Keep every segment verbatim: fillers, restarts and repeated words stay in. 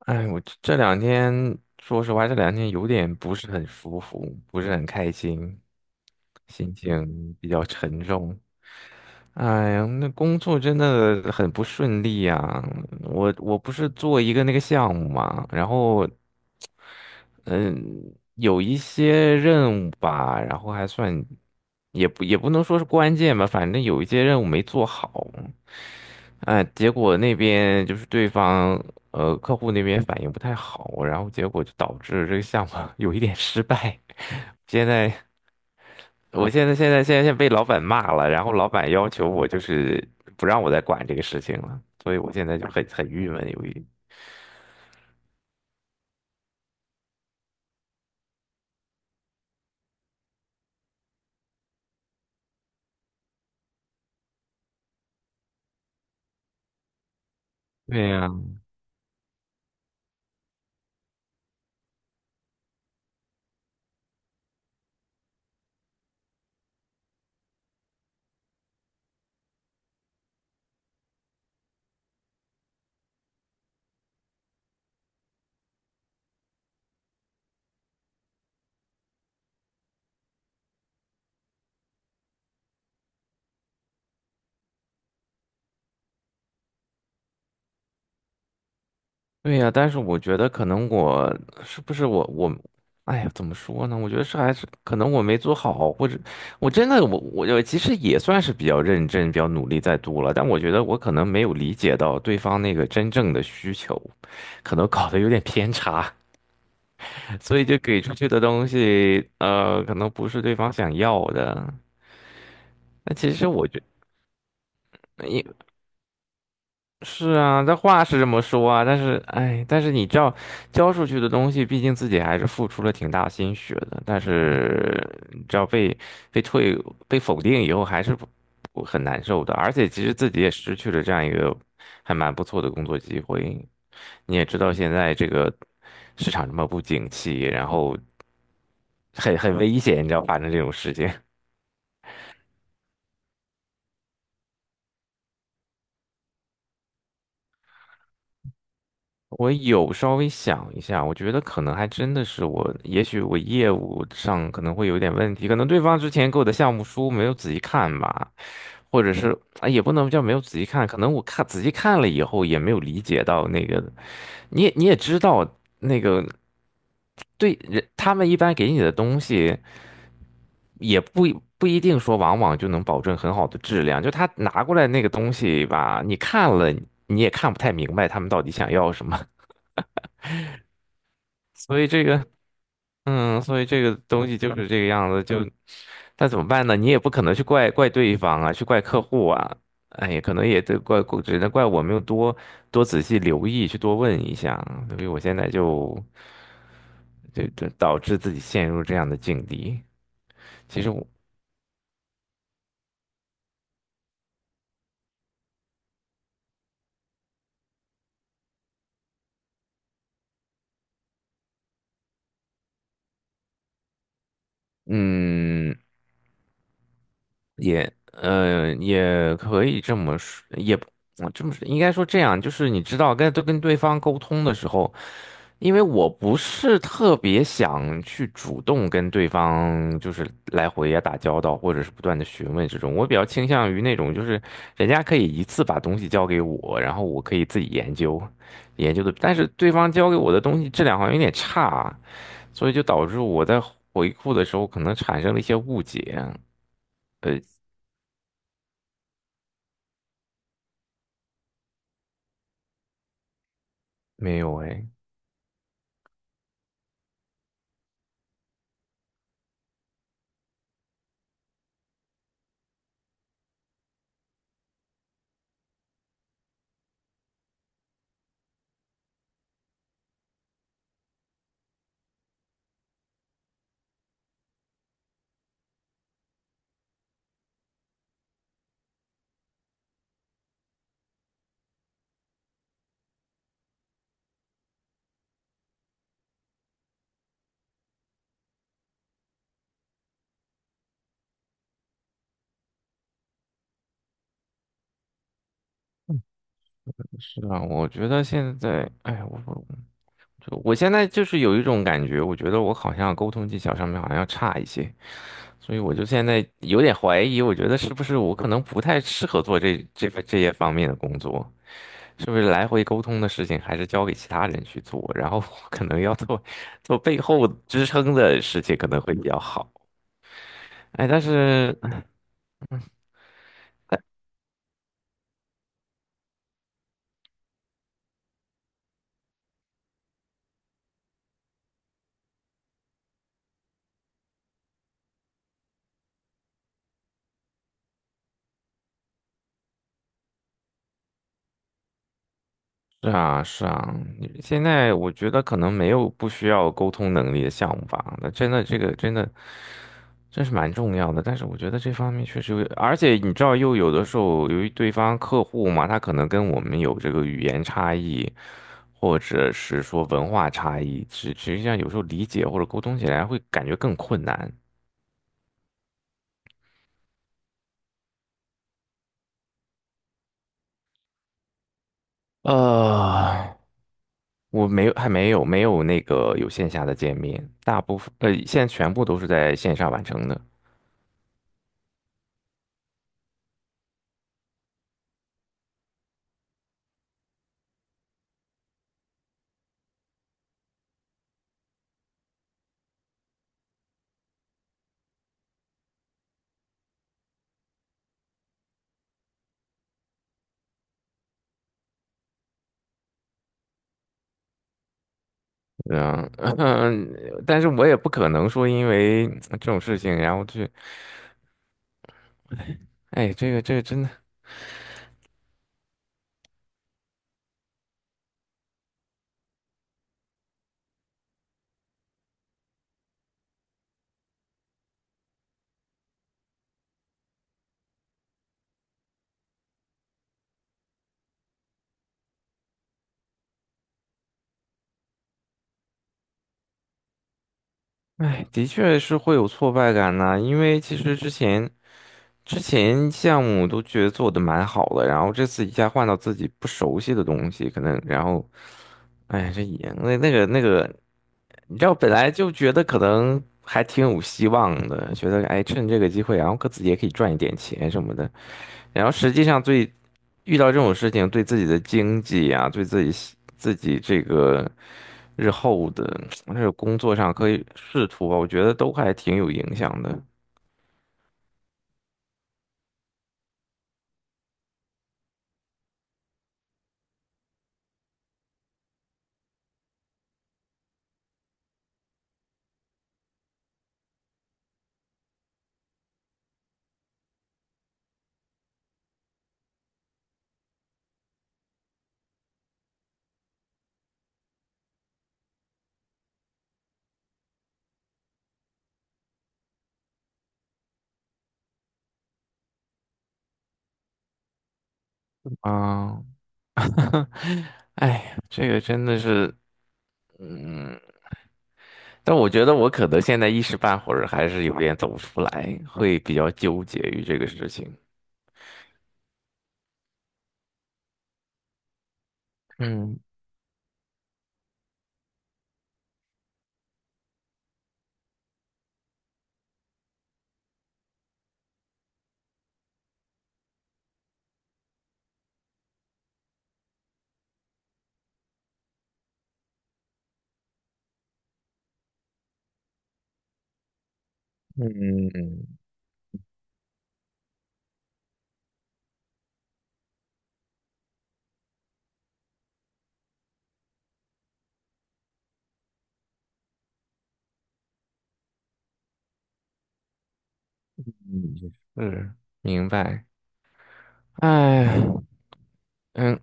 哎，我这这两天，说实话，这两天有点不是很舒服，不是很开心，心情比较沉重。哎呀，那工作真的很不顺利呀！我我不是做一个那个项目嘛，然后嗯，有一些任务吧，然后还算也不也不能说是关键吧，反正有一些任务没做好。哎，结果那边就是对方呃客户那边反应不太好，然后结果就导致这个项目 有一点失败。现在我现在现在现在现在被老板骂了，然后老板要求我就是不让我再管这个事情了，所以我现在就很很郁闷，有一。对呀、对呀，但是我觉得可能我是不是我我，哎呀，怎么说呢？我觉得是还是可能我没做好，或者我真的我我其实也算是比较认真、比较努力在读了，但我觉得我可能没有理解到对方那个真正的需求，可能搞得有点偏差，所以就给出去的东西，呃，可能不是对方想要的。那其实我觉因。是啊，这话是这么说啊，但是，哎，但是你知道，交出去的东西，毕竟自己还是付出了挺大心血的，但是你知道被被退被否定以后，还是不不很难受的，而且其实自己也失去了这样一个还蛮不错的工作机会。你也知道，现在这个市场这么不景气，然后很很危险，你知道发生这种事情。我有稍微想一下，我觉得可能还真的是我，也许我业务上可能会有点问题，可能对方之前给我的项目书没有仔细看吧，或者是啊，也不能叫没有仔细看，可能我看仔细看了以后也没有理解到那个，你也你也知道那个对人，他们一般给你的东西也不一不一定说往往就能保证很好的质量，就他拿过来那个东西吧，你看了你也看不太明白他们到底想要什么，所以这个。嗯，所以这个东西就是这个样子，就但怎么办呢？你也不可能去怪怪对方啊，去怪客户啊，哎，可能也得怪，只能怪我没有多多仔细留意，去多问一下啊，所以我现在就就就导致自己陷入这样的境地。其实我，嗯，也，呃，也可以这么说，也不我这么说，应该说这样，就是你知道，跟都跟对方沟通的时候。因为我不是特别想去主动跟对方就是来回呀打交道，或者是不断的询问这种，我比较倾向于那种就是人家可以一次把东西交给我，然后我可以自己研究，研究的，但是对方交给我的东西质量好像有点差，所以就导致我在回复的时候可能产生了一些误解。呃，没有哎，是啊，我觉得现在，哎，我就我现在就是有一种感觉，我觉得我好像沟通技巧上面好像要差一些，所以我就现在有点怀疑，我觉得是不是我可能不太适合做这这份这些方面的工作，是不是来回沟通的事情还是交给其他人去做，然后我可能要做做背后支撑的事情可能会比较好。哎，但是是啊是啊，现在我觉得可能没有不需要沟通能力的项目吧，那真的这个真的。这是蛮重要的，但是我觉得这方面确实有，而且你知道，又有的时候由于对方客户嘛，他可能跟我们有这个语言差异，或者是说文化差异，实实际上有时候理解或者沟通起来会感觉更困难。呃，我没有，还没有没有那个有线下的见面，大部分呃现在全部都是在线上完成的。嗯嗯 但是我也不可能说因为这种事情，然后去，哎，这个这个真的。哎，的确是会有挫败感呐、因为其实之前之前项目都觉得做的蛮好的，然后这次一下换到自己不熟悉的东西，可能然后，哎，这也那那个那个，你知道本来就觉得可能还挺有希望的，觉得哎趁这个机会，然后可自己也可以赚一点钱什么的，然后实际上最遇到这种事情，对自己的经济啊，对自己西自己这个日后的 这个工作上可以仕途吧，我觉得都还挺有影响的啊。哎呀，这个真的是，嗯，但我觉得我可能现在一时半会儿还是有点走不出来，会比较纠结于这个事情。嗯嗯嗯，嗯是，明白。哎，嗯，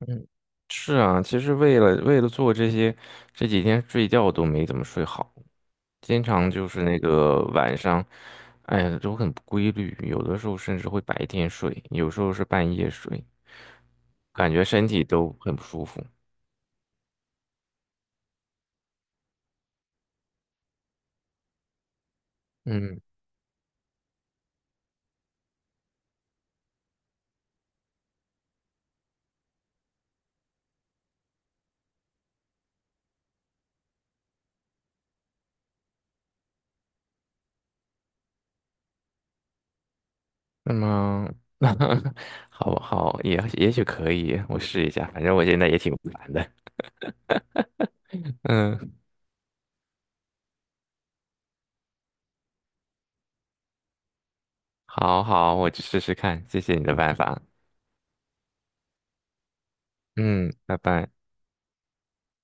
嗯，是啊，其实为了为了做这些，这几天睡觉都没怎么睡好，经常就是那个晚上，哎呀，都很不规律，有的时候甚至会白天睡，有时候是半夜睡，感觉身体都很不舒服。嗯，那么 好好，也也许可以，我试一下，反正我现在也挺烦的。嗯，好好，我去试试看，谢谢你的办法。嗯，拜拜。